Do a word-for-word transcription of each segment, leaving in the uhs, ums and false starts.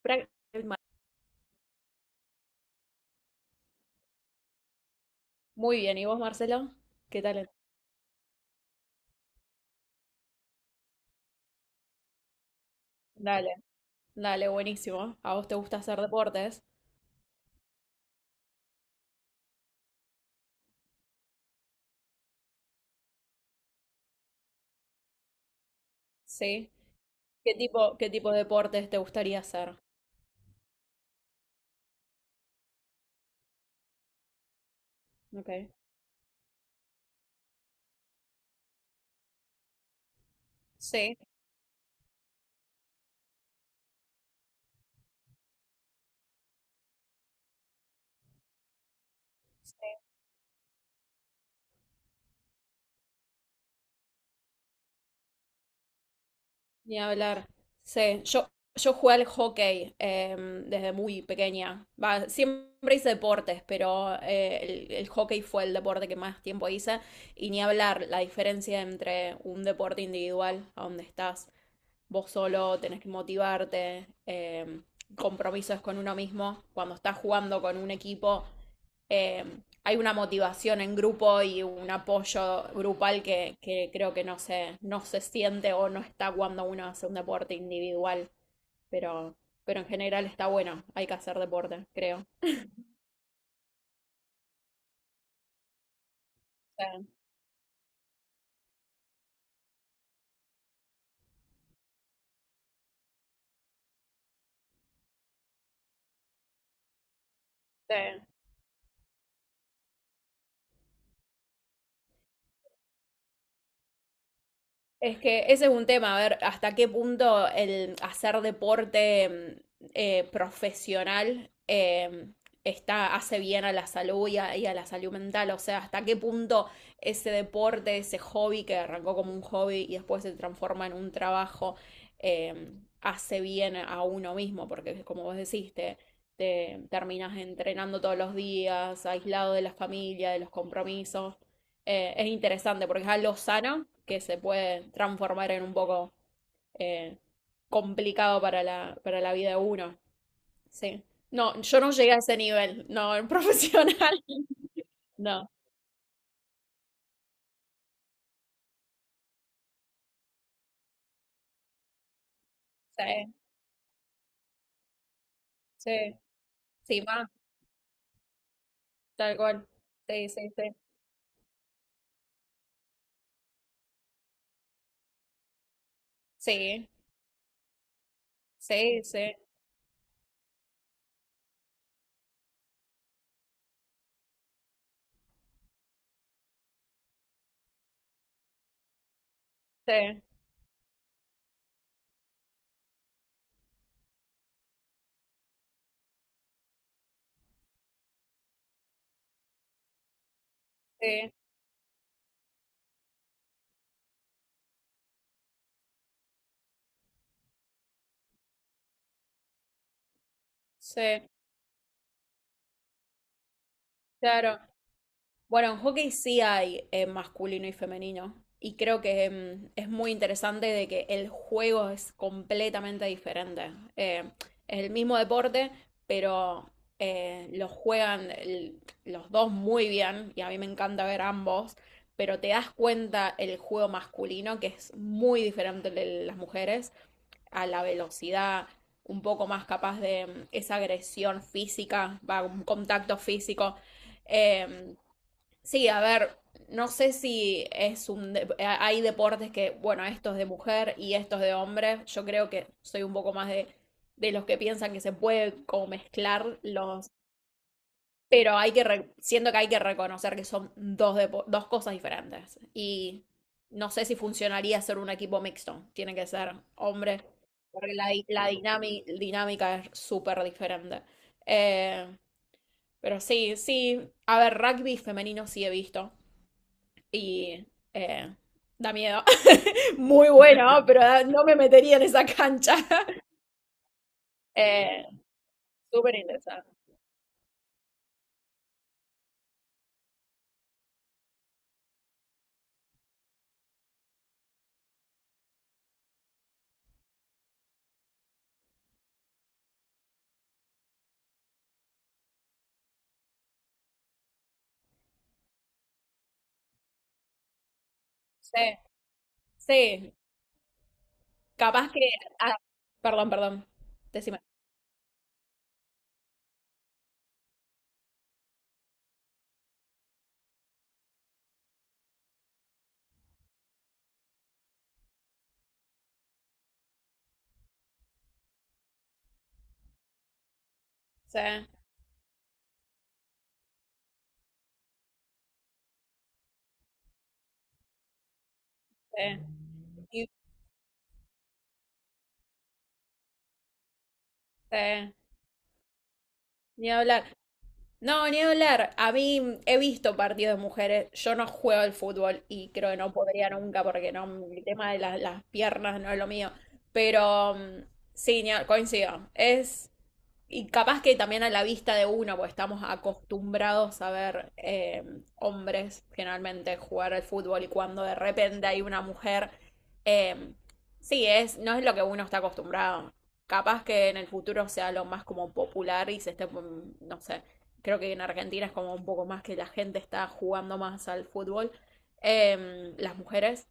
Pra- Muy bien, ¿y vos, Marcelo? ¿Qué tal? Dale, dale, buenísimo. ¿A vos te gusta hacer deportes? Sí. ¿Qué tipo, qué tipo de deportes te gustaría hacer? Ok. Sí. Sí. Ni hablar. Sí, yo, yo jugué al hockey em, desde muy pequeña. Va, siempre hice deportes, pero eh, el, el hockey fue el deporte que más tiempo hice. Y ni hablar la diferencia entre un deporte individual, a donde estás vos solo, tenés que motivarte, em, compromisos con uno mismo. Cuando estás jugando con un equipo, eh, hay una motivación en grupo y un apoyo grupal que, que creo que no se, no se siente o no está cuando uno hace un deporte individual. Pero, pero en general está bueno, hay que hacer deporte, creo. Sí, sí. Es que ese es un tema, a ver hasta qué punto el hacer deporte mm, eh, profesional eh, está, hace bien a la salud y a, y a la salud mental. O sea, hasta qué punto ese deporte, ese hobby que arrancó como un hobby y después se transforma en un trabajo, eh, hace bien a uno mismo, porque como vos decís, te, te terminas entrenando todos los días, aislado de la familia, de los compromisos eh, es interesante porque es algo sano que se puede transformar en un poco eh, complicado para la, para la vida de uno. Sí. No, yo no llegué a ese nivel, no, en profesional. No, sí, sí, sí, más, tal cual. Sí, sí, sí. Sí, sí, sí, sí, sí, sí, claro. Bueno, en hockey sí hay eh, masculino y femenino. Y creo que em, es muy interesante de que el juego es completamente diferente. Eh, es el mismo deporte, pero eh, lo juegan el- los dos muy bien. Y a mí me encanta ver ambos. Pero te das cuenta el juego masculino, que es muy diferente al de las mujeres, a la velocidad, un poco más capaz de em, esa agresión física, va, un contacto físico. Em, Sí, a ver, no sé si es un dep- a- hay deportes que, bueno, esto es de mujer y esto es de hombre. Yo creo que soy un poco más de, de los que piensan que se puede como mezclar los, pero hay que re- siento que hay que reconocer que son dos depo- dos cosas diferentes. Y no sé si funcionaría ser un equipo mixto. Tiene que ser hombre, porque la, di- la dinami- dinámica es súper diferente. Eh, pero sí, sí, a ver, rugby femenino sí he visto y eh, da miedo. Muy bueno, pero da- no me metería en esa cancha. Eh, súper interesante. Sí, sí. Capaz que. Ah, perdón, perdón. Decime. Sí, sí, ni- sí. Ni hablar. No, ni hablar. A mí mm, he visto partidos de mujeres. Yo no juego al fútbol y creo que no podría nunca porque no, el tema de las las piernas no es lo mío. Pero mm, sí, ni ha- coincido. Es. Y capaz que también a la vista de uno, porque estamos acostumbrados a ver eh, hombres generalmente jugar al fútbol y cuando de repente hay una mujer, eh, sí, es, no es lo que uno está acostumbrado. Capaz que en el futuro sea lo más como popular y se esté, mm, no sé, creo que en Argentina es como un poco más que la gente está jugando más al fútbol, em, las mujeres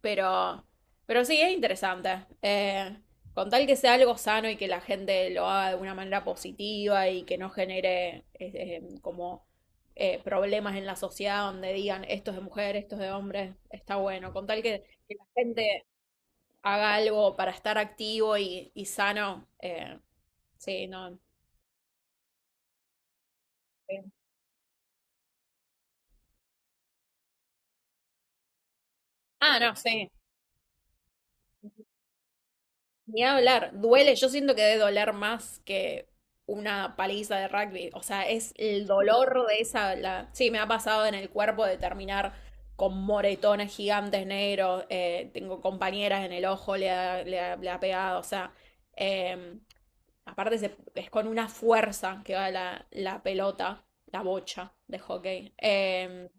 pero, pero sí, es interesante. Eh, con tal que sea algo sano y que la gente lo haga de una manera positiva y que no genere eh, eh, como eh, problemas en la sociedad donde digan esto es de mujer, esto es de hombre, está bueno. Con tal que, que la gente haga algo para estar activo y, y sano, eh, sí, no. Eh. Ah, no, sí. Ni hablar, duele, yo siento que debe doler más que una paliza de rugby, o sea, es el dolor de esa, la sí, me ha pasado en el cuerpo de terminar con moretones gigantes negros, eh, tengo compañeras en el ojo, le ha, le ha- le ha pegado, o sea, eh, aparte se- es con una fuerza que va la, la pelota, la bocha de hockey. Eh,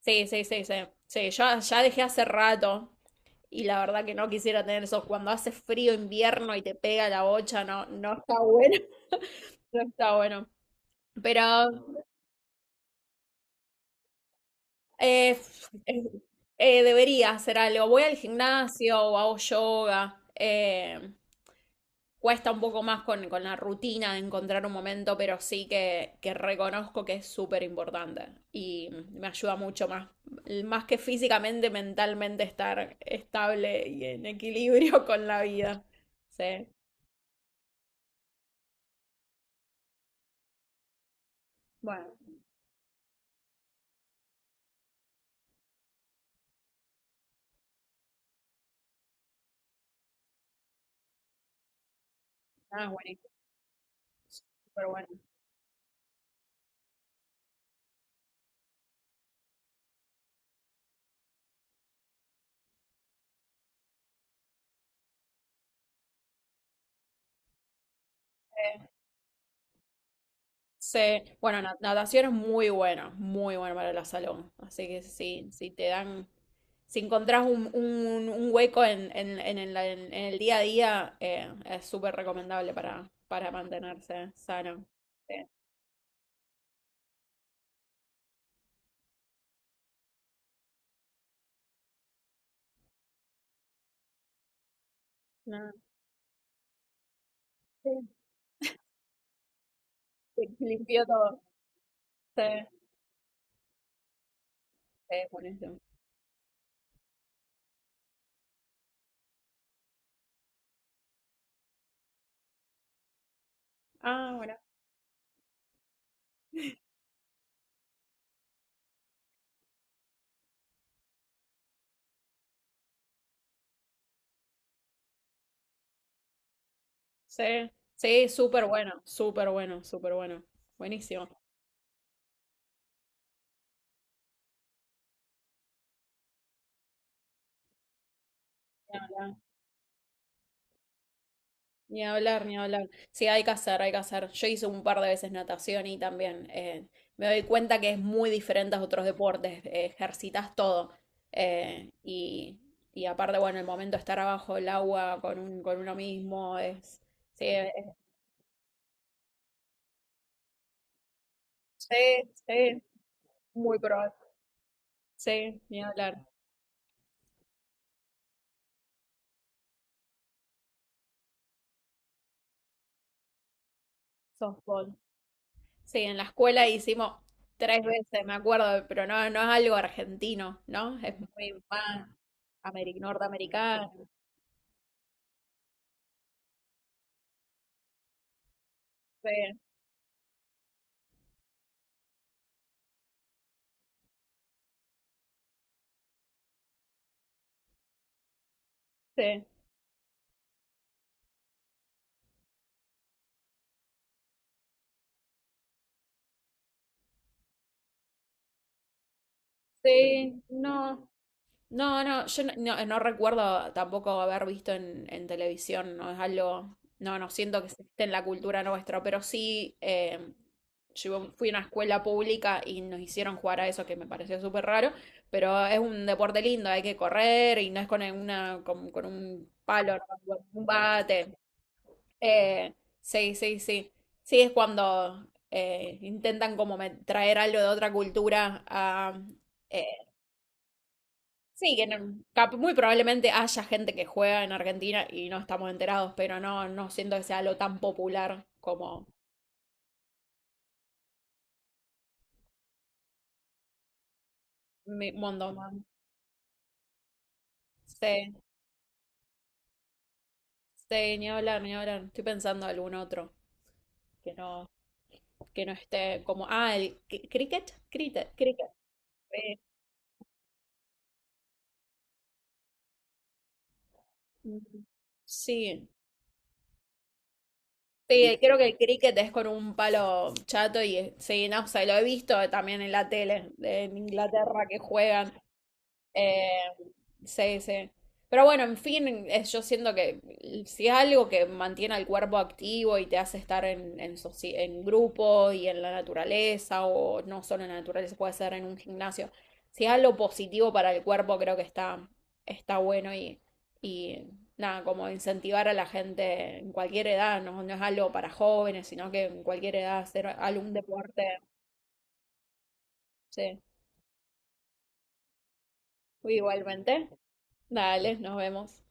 sí, sí, sí, sí, sí, yo ya dejé hace rato. Y la verdad que no quisiera tener eso. Cuando hace frío invierno y te pega la bocha, no, no está bueno. No está bueno. Pero eh, eh, eh, debería hacer algo. Voy al gimnasio o hago yoga. eh, cuesta un poco más con, con la rutina de encontrar un momento, pero sí que, que reconozco que es súper importante y me ayuda mucho más, más que físicamente, mentalmente estar estable y en equilibrio con la vida. Sí, bueno. Ah, buenísimo, súper bueno. Eh, se- bueno, na- natación es muy bueno, muy bueno para la salón. Así que sí, si te dan, si encontrás un, un- un hueco en, en- en el, en el día a día, eh, es súper recomendable para, para mantenerse sano. Sí, no, sí, sí, limpió todo. Sí, sí, buenísimo. Ah, bueno. Sí, sí, súper bueno, súper bueno, súper bueno. Buenísimo. Ni hablar, ni hablar. Sí, hay que hacer, hay que hacer. Yo hice un par de veces natación y también eh, me doy cuenta que es muy diferente a otros deportes. eh, ejercitas todo. Eh, y, y aparte, bueno, el momento de estar abajo del agua con, un- con uno mismo es Sí, es- sí, sí, muy probable. Sí, ni hablar. Softball. Sí, en la escuela hicimos tres veces, me acuerdo, pero no, no es algo argentino, ¿no? Es muy más ameri- norteamericano. Sí, sí. Sí, no. No, no, yo no, no- no recuerdo tampoco haber visto en, en televisión, no es algo, no, no siento que esté en la cultura nuestra, pero sí, eh, yo iba- fui a una escuela pública y nos hicieron jugar a eso que me pareció súper raro, pero es un deporte lindo, hay que correr y no es con una, con, con un palo, ¿no? Con un bate. Eh, sí, sí, sí. Sí, es cuando eh, intentan como me- traer algo de otra cultura a eh, sí, que no- cap- muy probablemente haya gente que juega en Argentina y no estamos enterados, pero no, no siento que sea algo tan popular como mi- Mondo Man. Sí, sí, ni hablar, ni hablar. Estoy pensando algún otro que no, que no esté como. Ah, el cri- cricket, cricket, cricket. Eh, mm, Sí. Sí, creo que el cricket es con un palo chato y eh, sí, no sé, lo he visto también en la tele de- en Inglaterra que juegan. Eh, sí, sí. Pero bueno, en fin, es- yo siento que si es algo que mantiene al cuerpo activo y te hace estar en, en, soci- en grupo y en la naturaleza, o no solo en la naturaleza, puede ser en un gimnasio, si es algo positivo para el cuerpo, creo que está, está bueno y, y nada, como incentivar a la gente en cualquier edad, no, no es algo para jóvenes, sino que en cualquier edad hacer algún deporte. Sí, igualmente. Dale, nos vemos.